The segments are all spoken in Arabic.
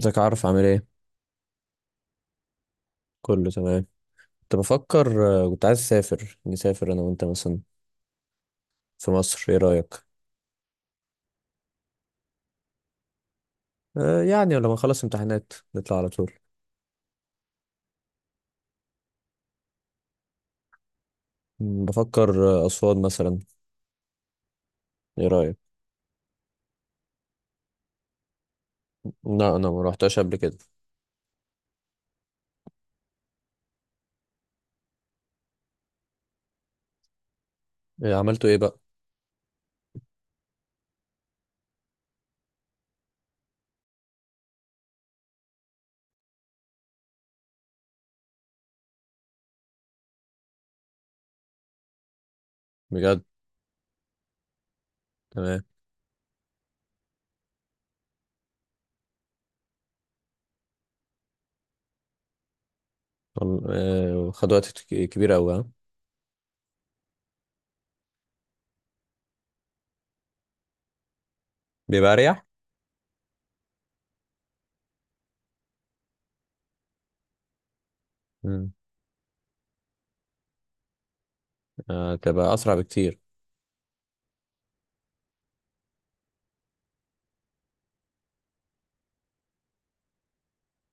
ازيك، عارف، عامل ايه؟ كله تمام. كنت بفكر، كنت عايز اسافر نسافر انا وانت مثلا في مصر. ايه رايك؟ يعني لما نخلص امتحانات نطلع على طول. بفكر، اسوان مثلا. ايه رايك؟ لا، انا ما روحتهاش قبل كده. إيه، عملتوا ايه بقى؟ بجد؟ تمام. وال- خد وقت كبير قوي، ها؟ بيبقى اريح. مم، تبقى اسرع بكتير.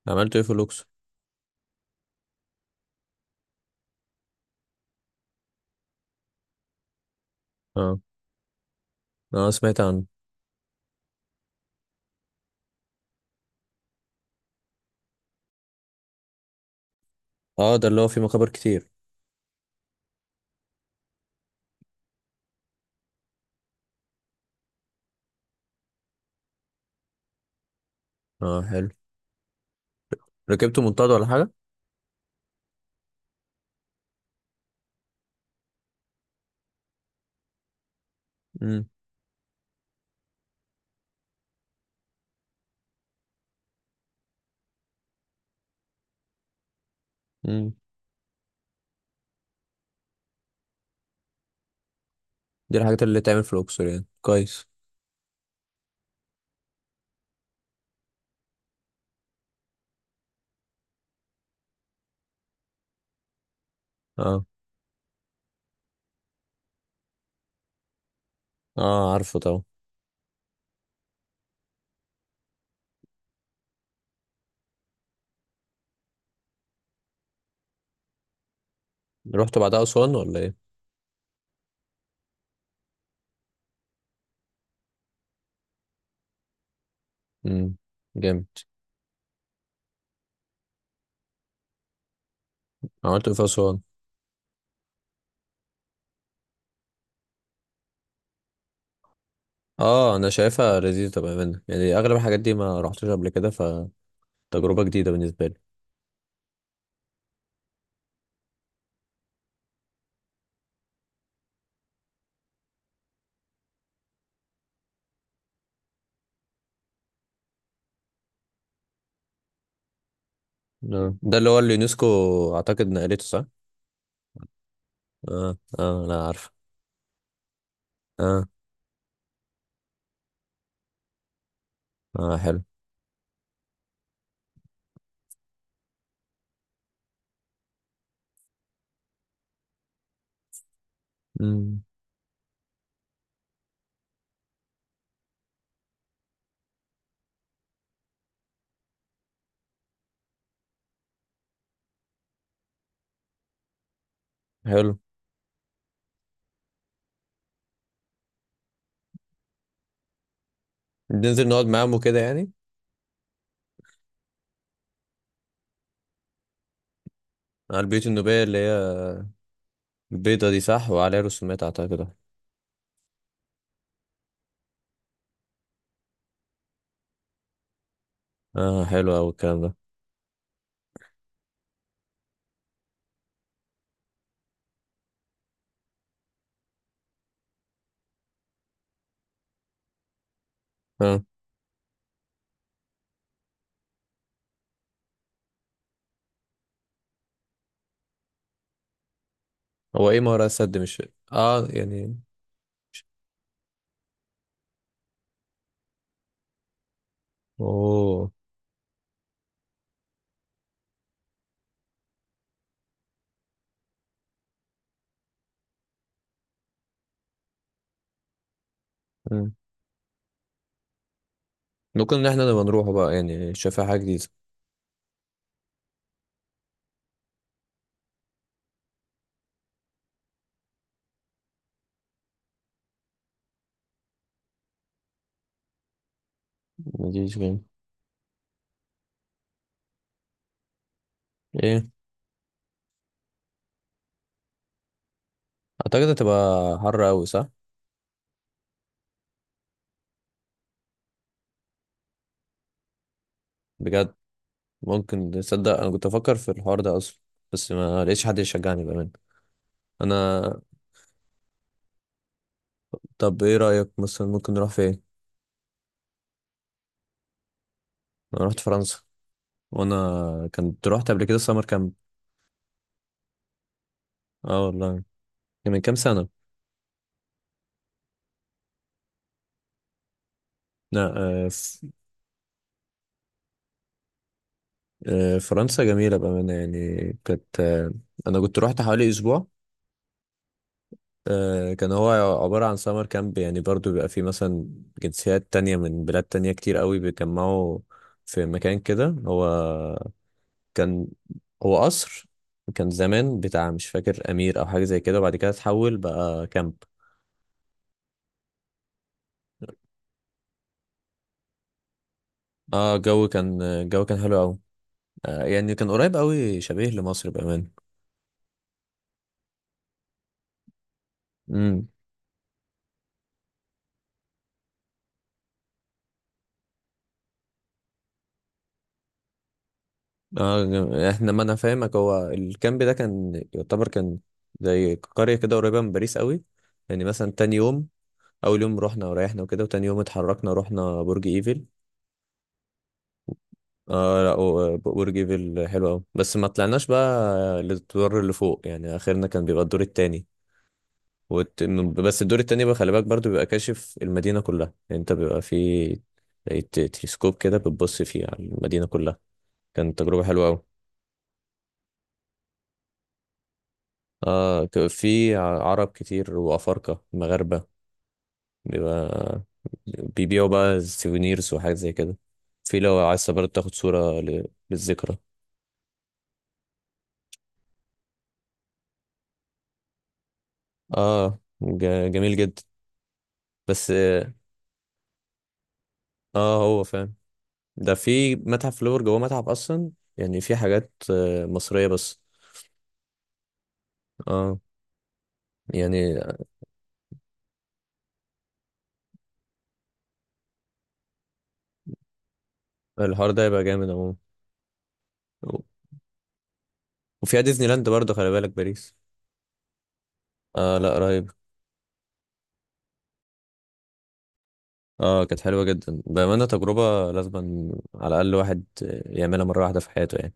عملتوا ايه في الاقصر؟ اه. اه، سمعت عنه. اه، ده اللي هو فيه مقابر كتير. اه، حلو. ركبتوا منطاد ولا حاجه؟ امم. دي الحاجات اللي تعمل في الأقصر يعني كويس. اه. اه، عارفه طبعا. رحت بعدها أسوان ولا ايه؟ امم. جامد. عملت ايه في أسوان؟ اه، انا شايفها لذيذة بأمانة. يعني أغلب الحاجات دي ما رحتش قبل كده، فتجربة جديدة بالنسبة لي. ده اللي هو اليونسكو أعتقد نقلته، صح؟ اه، اه، أنا عارف. اه، اه، حلو. امم. حلو. ننزل نقعد معاهم وكده يعني. على البيوت النوبية اللي هي البيضة دي، صح؟ وعليها رسومات أعتقد. اه، حلو أوي الكلام ده. اه، هو ايه ما وراء السد؟ مش... اه، يعني. اوه. مم. ممكن ان احنا نبقى نروحه بقى يعني، شايفها حاجة جديدة. مديش جيم. ايه؟ اعتقد هتبقى حر اوي، صح؟ بجد؟ ممكن تصدق، انا كنت افكر في الحوار ده اصلا. بس ما لقيتش حد يشجعني بامان. انا... طب ايه رأيك؟ مثلا ممكن نروح فين؟ انا رحت فرنسا. وانا كنت رحت قبل كده سمر كامب. اه، والله. كان من كام سنة. لا. آه، ف- فرنسا جميلة بأمانة يعني. كانت آه، أنا كنت رحت حوالي أسبوع. كان هو عبارة عن سمر كامب. يعني برضو بيبقى فيه مثلا جنسيات تانية من بلاد تانية كتير قوي بيتجمعوا في مكان كده. هو كان، هو قصر كان زمان بتاع مش فاكر أمير أو حاجة زي كده، وبعد كده اتحول بقى كامب. اه، الجو كان حلو قوي. يعني كان قريب قوي شبيه لمصر بأمان. امم. اه، احنا ما انا فاهمك. هو الكامب ده كان يعتبر كان زي قرية كده قريبة من باريس قوي. يعني مثلا، تاني يوم اول يوم رحنا وريحنا وكده، وتاني يوم اتحركنا رحنا برج ايفل. اه، لا، برج ايفل حلو قوي، بس ما طلعناش بقى للدور اللي فوق. يعني اخرنا كان بيبقى الدور التاني وت... بس الدور التاني بقى، خلي بالك، برضو بيبقى كاشف المدينة كلها. يعني انت بيبقى في زي تلسكوب كده بتبص فيه على المدينة كلها. كانت تجربة حلوة قوي. اه، في عرب كتير، وافارقة مغاربة. بيبقى. بيبيعوا بقى سيفونيرز وحاجات زي كده. في لو عايز برضه تاخد صورة للذكرى. اه، جميل جدا. بس اه، هو فاهم. ده في متحف لور جوه متحف اصلا. يعني في حاجات مصرية بس. اه. يعني الحوار ده يبقى جامد عموما. وفيها ديزني لاند برضه، خلي بالك، باريس. اه، لا، رهيب. اه، كانت حلوة جدا بأمانة. تجربة لازم على الأقل واحد يعملها مرة واحدة في حياته يعني.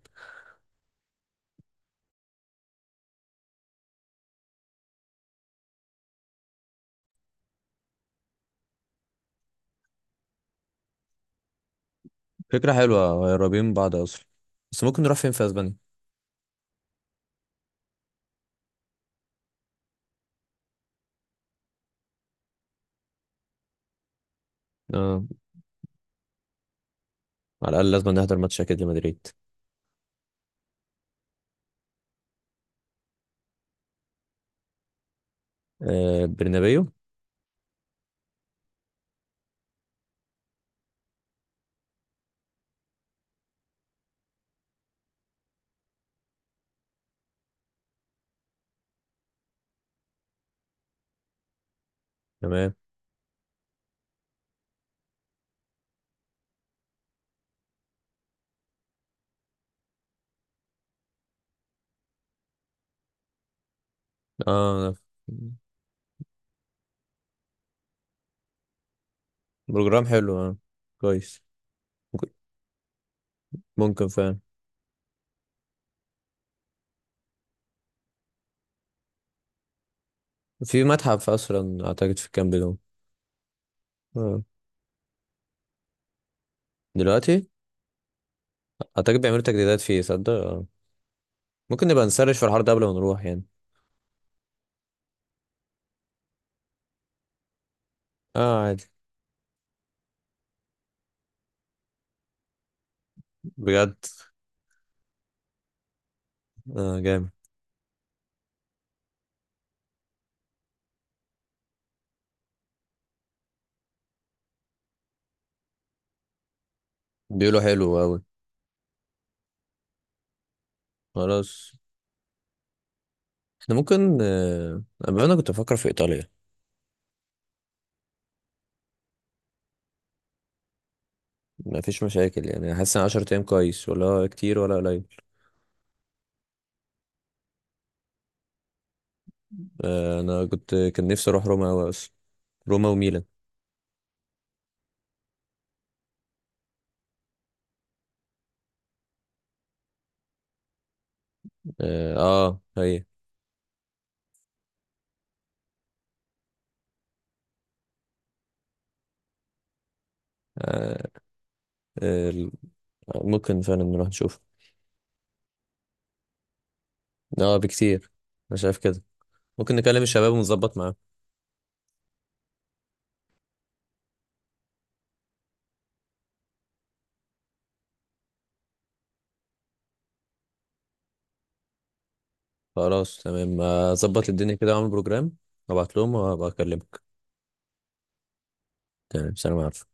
فكرة حلوة، قريبين من بعض أصلا. بس ممكن نروح فين في أسبانيا؟ اه، على الأقل لازم نحضر ماتش أكيد لمدريد. برنابيو. تمام. اه، بروجرام حلو. اه، كويس. ممكن. ممكن فعلا. في متحف اصلا اعتقد في الكامب ده. اه. دلوقتي. اعتقد بيعملوا تجديدات فيه، صدق. اه. ممكن نبقى نسرش في الحوار ده قبل ما نروح يعني. اه، عادي. بجد؟ اه، جامد. بيقولوا حلو قوي. خلاص. احنا ممكن أما انا كنت بفكر في ايطاليا. مفيش مشاكل يعني. حاسس ان 10 ايام كويس ولا هو كتير ولا قليل؟ انا كنت كان نفسي اروح روما قوي اصلا. روما وميلان. اه، هي. آه، آه، ممكن فعلا نروح نشوف. اه، بكتير. انا شايف كده. ممكن نكلم الشباب ونظبط معاهم. خلاص تمام. اظبط الدنيا كده واعمل بروجرام، وابعت لهم وابقى اكلمك. تمام، سلام عليكم.